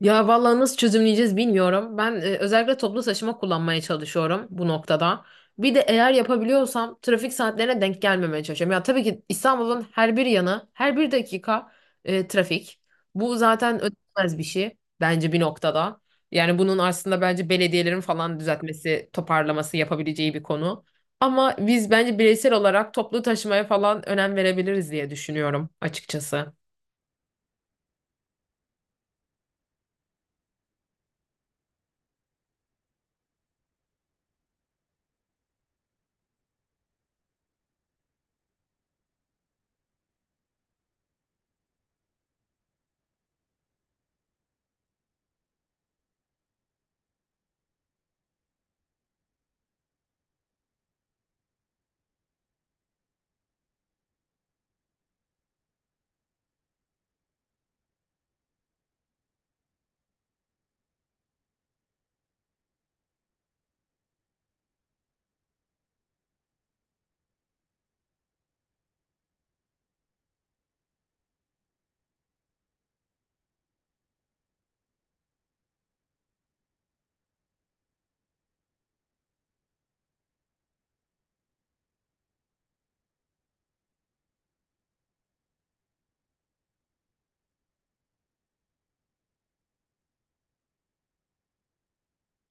Ya vallahi nasıl çözümleyeceğiz bilmiyorum. Ben özellikle toplu taşıma kullanmaya çalışıyorum bu noktada. Bir de eğer yapabiliyorsam trafik saatlerine denk gelmemeye çalışıyorum. Ya tabii ki İstanbul'un her bir yanı, her bir dakika trafik. Bu zaten ödemez bir şey bence bir noktada. Yani bunun aslında bence belediyelerin falan düzeltmesi, toparlaması yapabileceği bir konu. Ama biz bence bireysel olarak toplu taşımaya falan önem verebiliriz diye düşünüyorum açıkçası.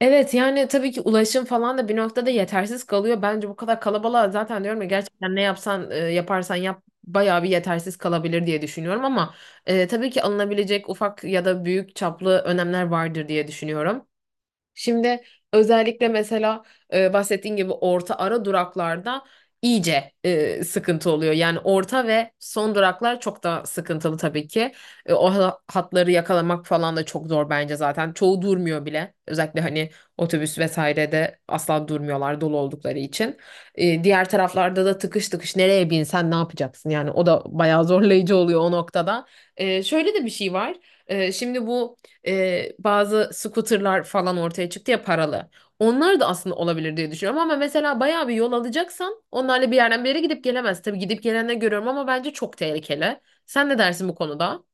Evet, yani tabii ki ulaşım falan da bir noktada yetersiz kalıyor. Bence bu kadar kalabalığa zaten diyorum ya gerçekten ne yapsan yaparsan yap bayağı bir yetersiz kalabilir diye düşünüyorum ama tabii ki alınabilecek ufak ya da büyük çaplı önlemler vardır diye düşünüyorum. Şimdi özellikle mesela bahsettiğin gibi orta ara duraklarda iyice sıkıntı oluyor. Yani orta ve son duraklar çok da sıkıntılı tabii ki. O hatları yakalamak falan da çok zor bence zaten. Çoğu durmuyor bile. Özellikle hani otobüs vesairede asla durmuyorlar dolu oldukları için. Diğer taraflarda da tıkış tıkış nereye binsen ne yapacaksın? Yani o da bayağı zorlayıcı oluyor o noktada. Şöyle de bir şey var. Şimdi bu bazı scooterlar falan ortaya çıktı ya, paralı. Onlar da aslında olabilir diye düşünüyorum ama mesela bayağı bir yol alacaksan onlarla bir yerden bir yere gidip gelemez. Tabii gidip gelenleri görüyorum ama bence çok tehlikeli. Sen ne dersin bu konuda?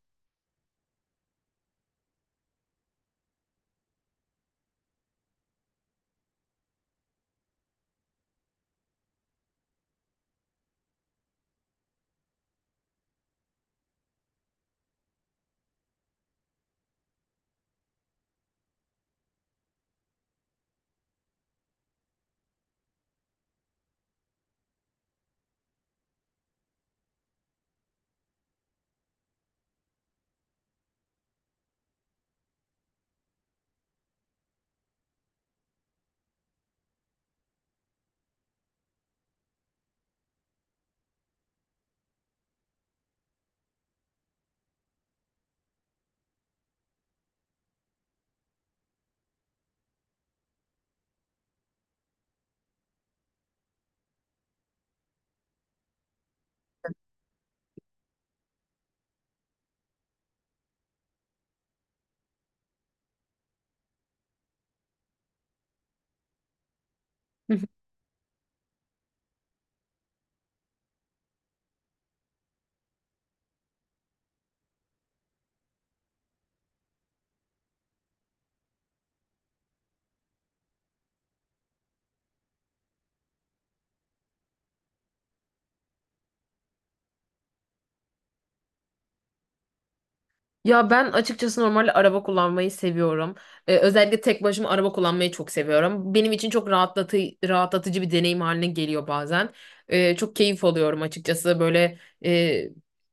Ya ben açıkçası normalde araba kullanmayı seviyorum. Özellikle tek başıma araba kullanmayı çok seviyorum. Benim için çok rahatlatıcı bir deneyim haline geliyor bazen. Çok keyif alıyorum açıkçası. Böyle e,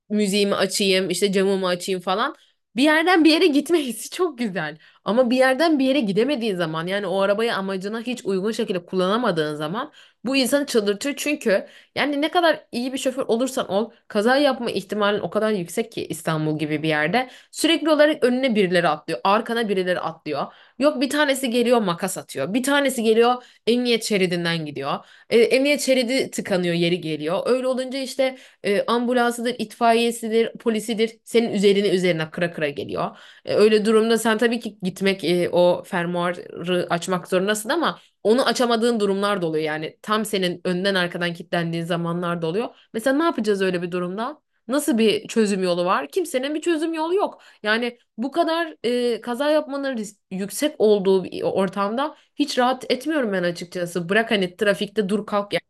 müziğimi açayım, işte camımı açayım falan. Bir yerden bir yere gitme hissi çok güzel. Ama bir yerden bir yere gidemediğin zaman yani o arabayı amacına hiç uygun şekilde kullanamadığın zaman bu insanı çıldırtıyor. Çünkü yani ne kadar iyi bir şoför olursan ol kaza yapma ihtimalin o kadar yüksek ki İstanbul gibi bir yerde. Sürekli olarak önüne birileri atlıyor. Arkana birileri atlıyor. Yok, bir tanesi geliyor makas atıyor. Bir tanesi geliyor emniyet şeridinden gidiyor. Emniyet şeridi tıkanıyor yeri geliyor. Öyle olunca işte ambulansıdır, itfaiyesidir, polisidir senin üzerine üzerine kıra kıra geliyor. Öyle durumda sen tabii ki o fermuarı açmak zorundasın ama onu açamadığın durumlar da oluyor. Yani tam senin önden arkadan kilitlendiğin zamanlar da oluyor. Mesela ne yapacağız öyle bir durumda? Nasıl bir çözüm yolu var? Kimsenin bir çözüm yolu yok. Yani bu kadar kaza yapmanın yüksek olduğu bir ortamda hiç rahat etmiyorum ben açıkçası. Bırak hani trafikte dur kalk yani.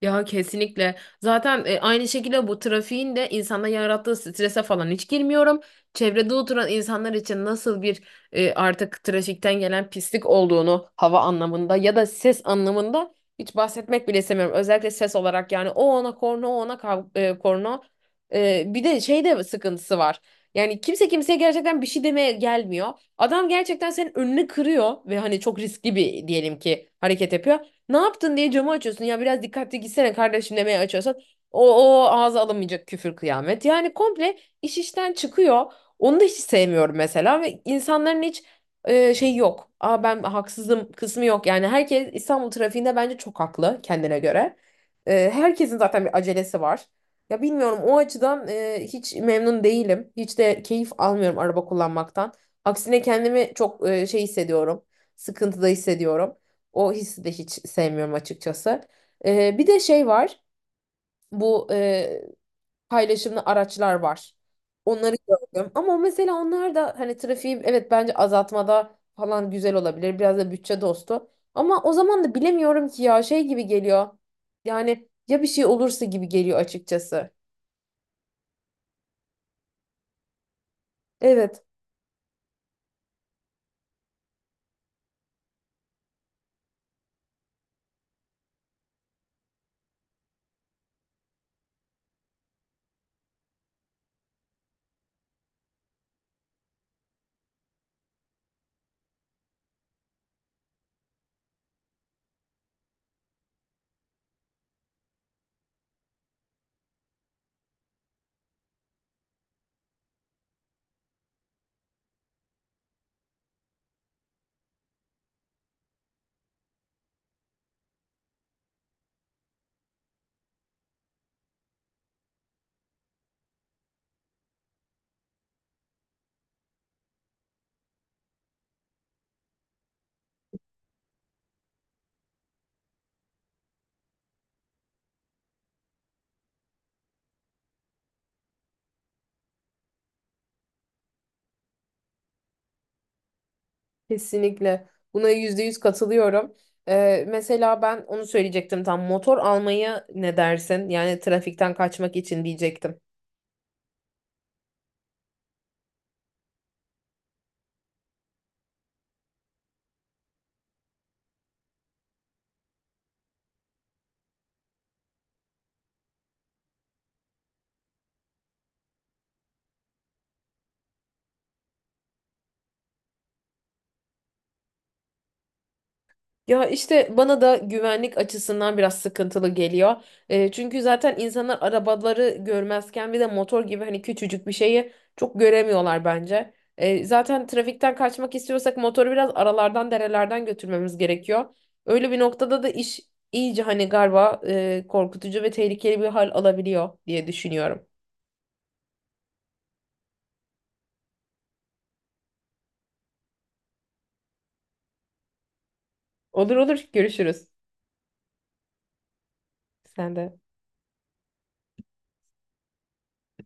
Ya kesinlikle. Zaten aynı şekilde bu trafiğin de insanda yarattığı strese falan hiç girmiyorum. Çevrede oturan insanlar için nasıl bir artık trafikten gelen pislik olduğunu hava anlamında ya da ses anlamında hiç bahsetmek bile istemiyorum. Özellikle ses olarak yani o ona korna, o ona korna. Bir de şey de sıkıntısı var. Yani kimse kimseye gerçekten bir şey demeye gelmiyor. Adam gerçekten senin önünü kırıyor ve hani çok riskli bir, diyelim ki, hareket yapıyor. Ne yaptın diye camı açıyorsun. Ya biraz dikkatli gitsene kardeşim demeye açıyorsan. O ağza alamayacak küfür kıyamet. Yani komple iş işten çıkıyor. Onu da hiç sevmiyorum mesela ve insanların hiç şey yok. Aa, ben haksızım kısmı yok. Yani herkes İstanbul trafiğinde bence çok haklı kendine göre. Herkesin zaten bir acelesi var. Ya bilmiyorum, o açıdan hiç memnun değilim. Hiç de keyif almıyorum araba kullanmaktan. Aksine kendimi çok hissediyorum. Sıkıntıda hissediyorum. O hissi de hiç sevmiyorum açıkçası. Bir de şey var. Bu paylaşımlı araçlar var. Onları gördüm. Ama mesela onlar da hani trafiği, evet, bence azaltmada falan güzel olabilir. Biraz da bütçe dostu. Ama o zaman da bilemiyorum ki ya şey gibi geliyor. Yani ya bir şey olursa gibi geliyor açıkçası. Evet. Kesinlikle. Buna yüzde yüz katılıyorum. Mesela ben onu söyleyecektim, tam motor almaya ne dersin? Yani trafikten kaçmak için diyecektim. Ya işte bana da güvenlik açısından biraz sıkıntılı geliyor. Çünkü zaten insanlar arabaları görmezken bir de motor gibi hani küçücük bir şeyi çok göremiyorlar bence. Zaten trafikten kaçmak istiyorsak motoru biraz aralardan derelerden götürmemiz gerekiyor. Öyle bir noktada da iş iyice hani galiba korkutucu ve tehlikeli bir hal alabiliyor diye düşünüyorum. Olur olur görüşürüz. Sen de.